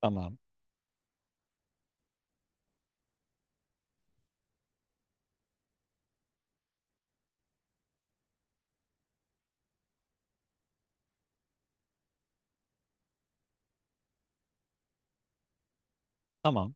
Tamam. Tamam.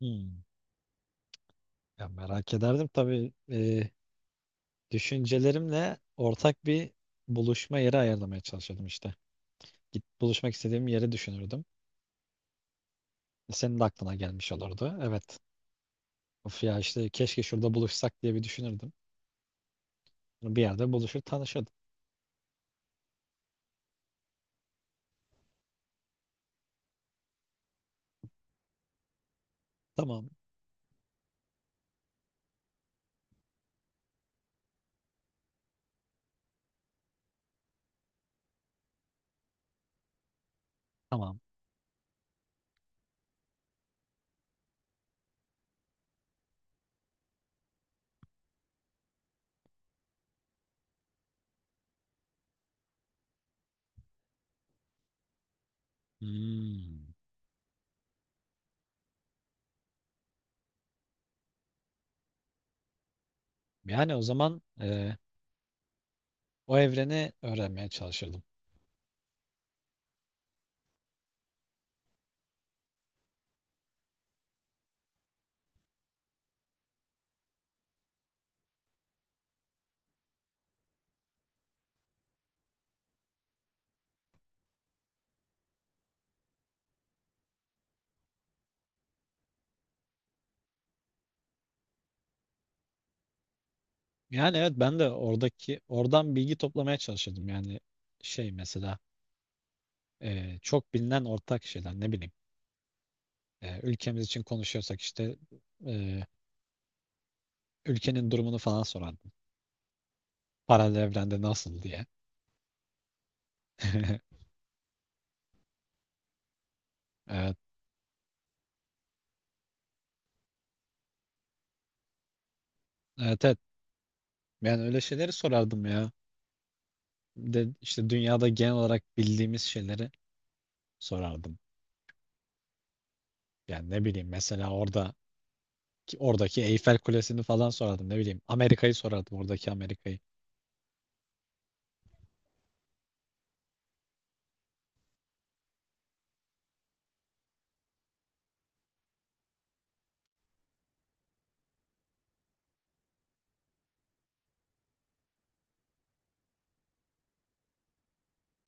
Hmm. Ya merak ederdim tabii. Düşüncelerimle ortak bir buluşma yeri ayarlamaya çalışıyordum işte. Git buluşmak istediğim yeri düşünürdüm. Senin de aklına gelmiş olurdu. Evet. Of ya işte keşke şurada buluşsak diye bir düşünürdüm. Bir yerde buluşur tanışırdım. Tamam. Tamam. Hmm. Yani o zaman o evreni öğrenmeye çalışırdım. Yani evet ben de oradan bilgi toplamaya çalışırdım. Yani şey mesela çok bilinen ortak şeyler, ne bileyim. E, ülkemiz için konuşuyorsak işte e, ülkenin durumunu falan sorardım. Paralel evrende nasıl diye. Evet, evet, evet. Ben öyle şeyleri sorardım ya. De, işte dünyada genel olarak bildiğimiz şeyleri sorardım. Yani ne bileyim, mesela orada oradaki Eyfel Kulesi'ni falan sorardım. Ne bileyim, Amerika'yı sorardım, oradaki Amerika'yı.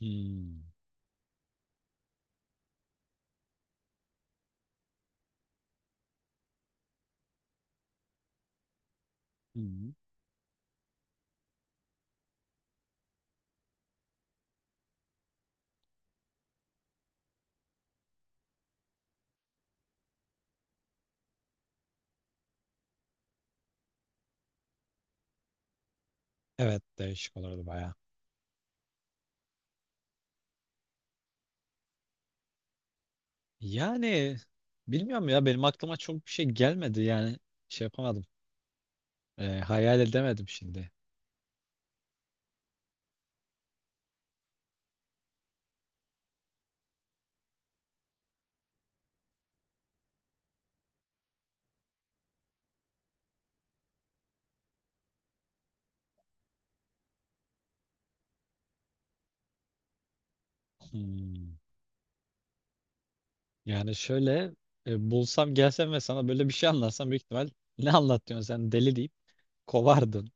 Hmm. Hmm. Evet, değişik olurdu baya. Yani bilmiyorum ya, benim aklıma çok bir şey gelmedi, yani şey yapamadım. E, hayal edemedim şimdi. Hmm. Yani şöyle, bulsam, gelsem ve sana böyle bir şey anlatsam büyük ihtimal ne anlatıyorsun sen, deli deyip kovardın.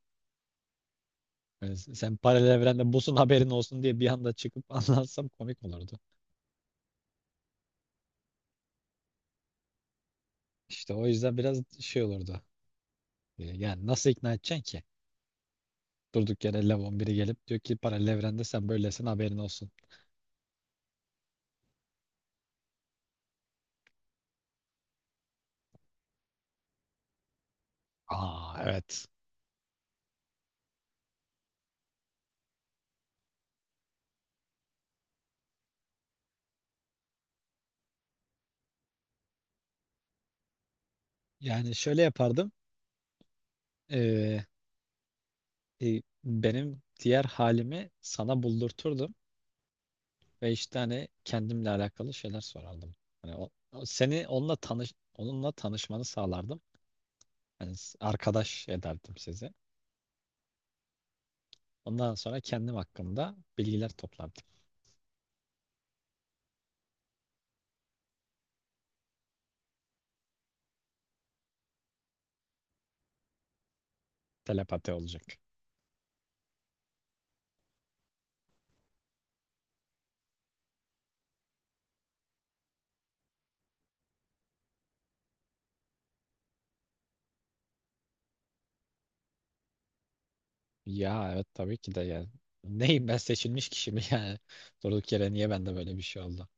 Yani sen paralel evrende busun, haberin olsun diye bir anda çıkıp anlatsam komik olurdu. İşte o yüzden biraz şey olurdu. E, yani nasıl ikna edeceksin ki? Durduk yere Levon biri gelip diyor ki paralel evrende sen böylesin, haberin olsun. Aa evet. Yani şöyle yapardım. E, benim diğer halimi sana buldurturdum. Beş tane kendimle alakalı şeyler sorardım. Hani seni onunla onunla tanışmanı sağlardım. Hani arkadaş ederdim sizi. Ondan sonra kendim hakkında bilgiler toplardım. Telepati olacak. Ya evet, tabii ki de yani. Neyim ben, seçilmiş kişi mi yani? Durduk yere niye bende böyle bir şey oldu?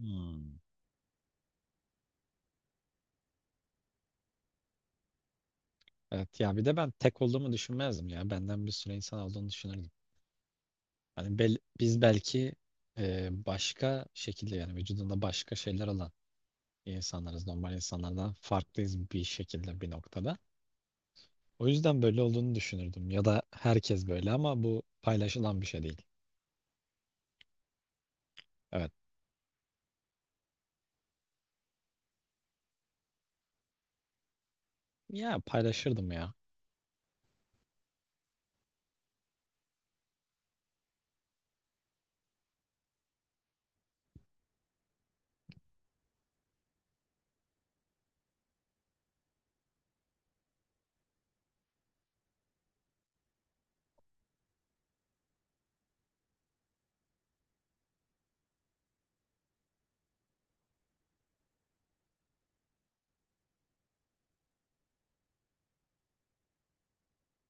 Hmm. Evet ya, bir de ben tek olduğumu düşünmezdim ya. Benden bir sürü insan olduğunu düşünürdüm. Hani biz belki başka şekilde, yani vücudunda başka şeyler olan insanlarız. Normal insanlardan farklıyız bir şekilde, bir noktada. O yüzden böyle olduğunu düşünürdüm. Ya da herkes böyle ama bu paylaşılan bir şey değil. Evet. Ya paylaşırdım ya.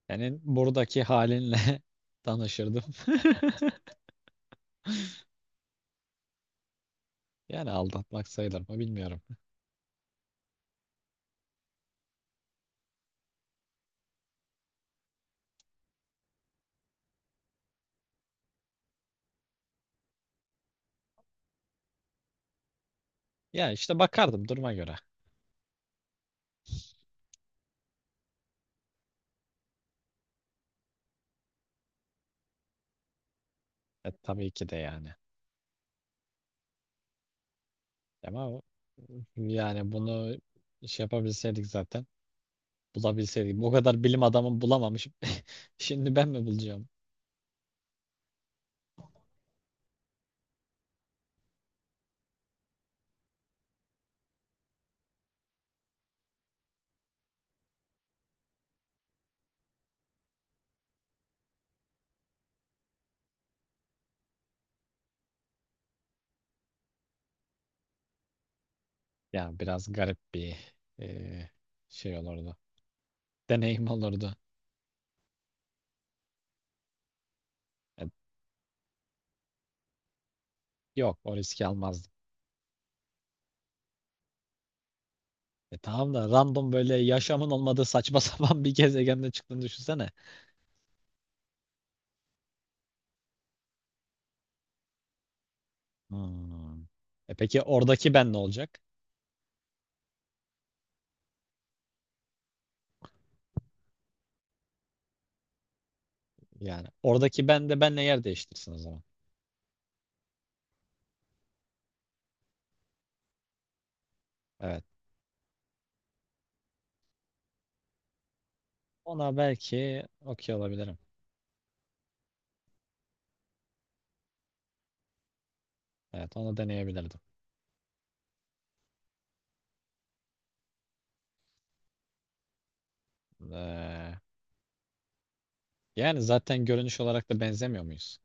Yani buradaki halinle tanışırdım. Yani aldatmak sayılır mı bilmiyorum. Ya işte bakardım duruma göre. E, tabii ki de yani. Ama yani bunu şey yapabilseydik zaten. Bulabilseydik. Bu kadar bilim adamı bulamamış. Şimdi ben mi bulacağım? Yani biraz garip bir e, şey olurdu. Deneyim olurdu. E, yok, o riski almazdım. E, tamam da random böyle yaşamın olmadığı saçma sapan bir gezegende çıktığını düşünsene. Hmm. E peki oradaki ben ne olacak? Yani oradaki ben de benle yer değiştirsin o zaman. Evet. Ona belki okey olabilirim. Evet, onu deneyebilirdim. Ee, yani zaten görünüş olarak da benzemiyor muyuz?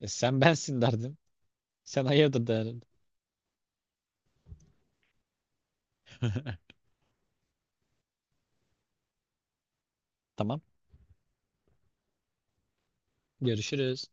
E, sen bensin derdim. Sen hayırdır derdim. Tamam. Görüşürüz.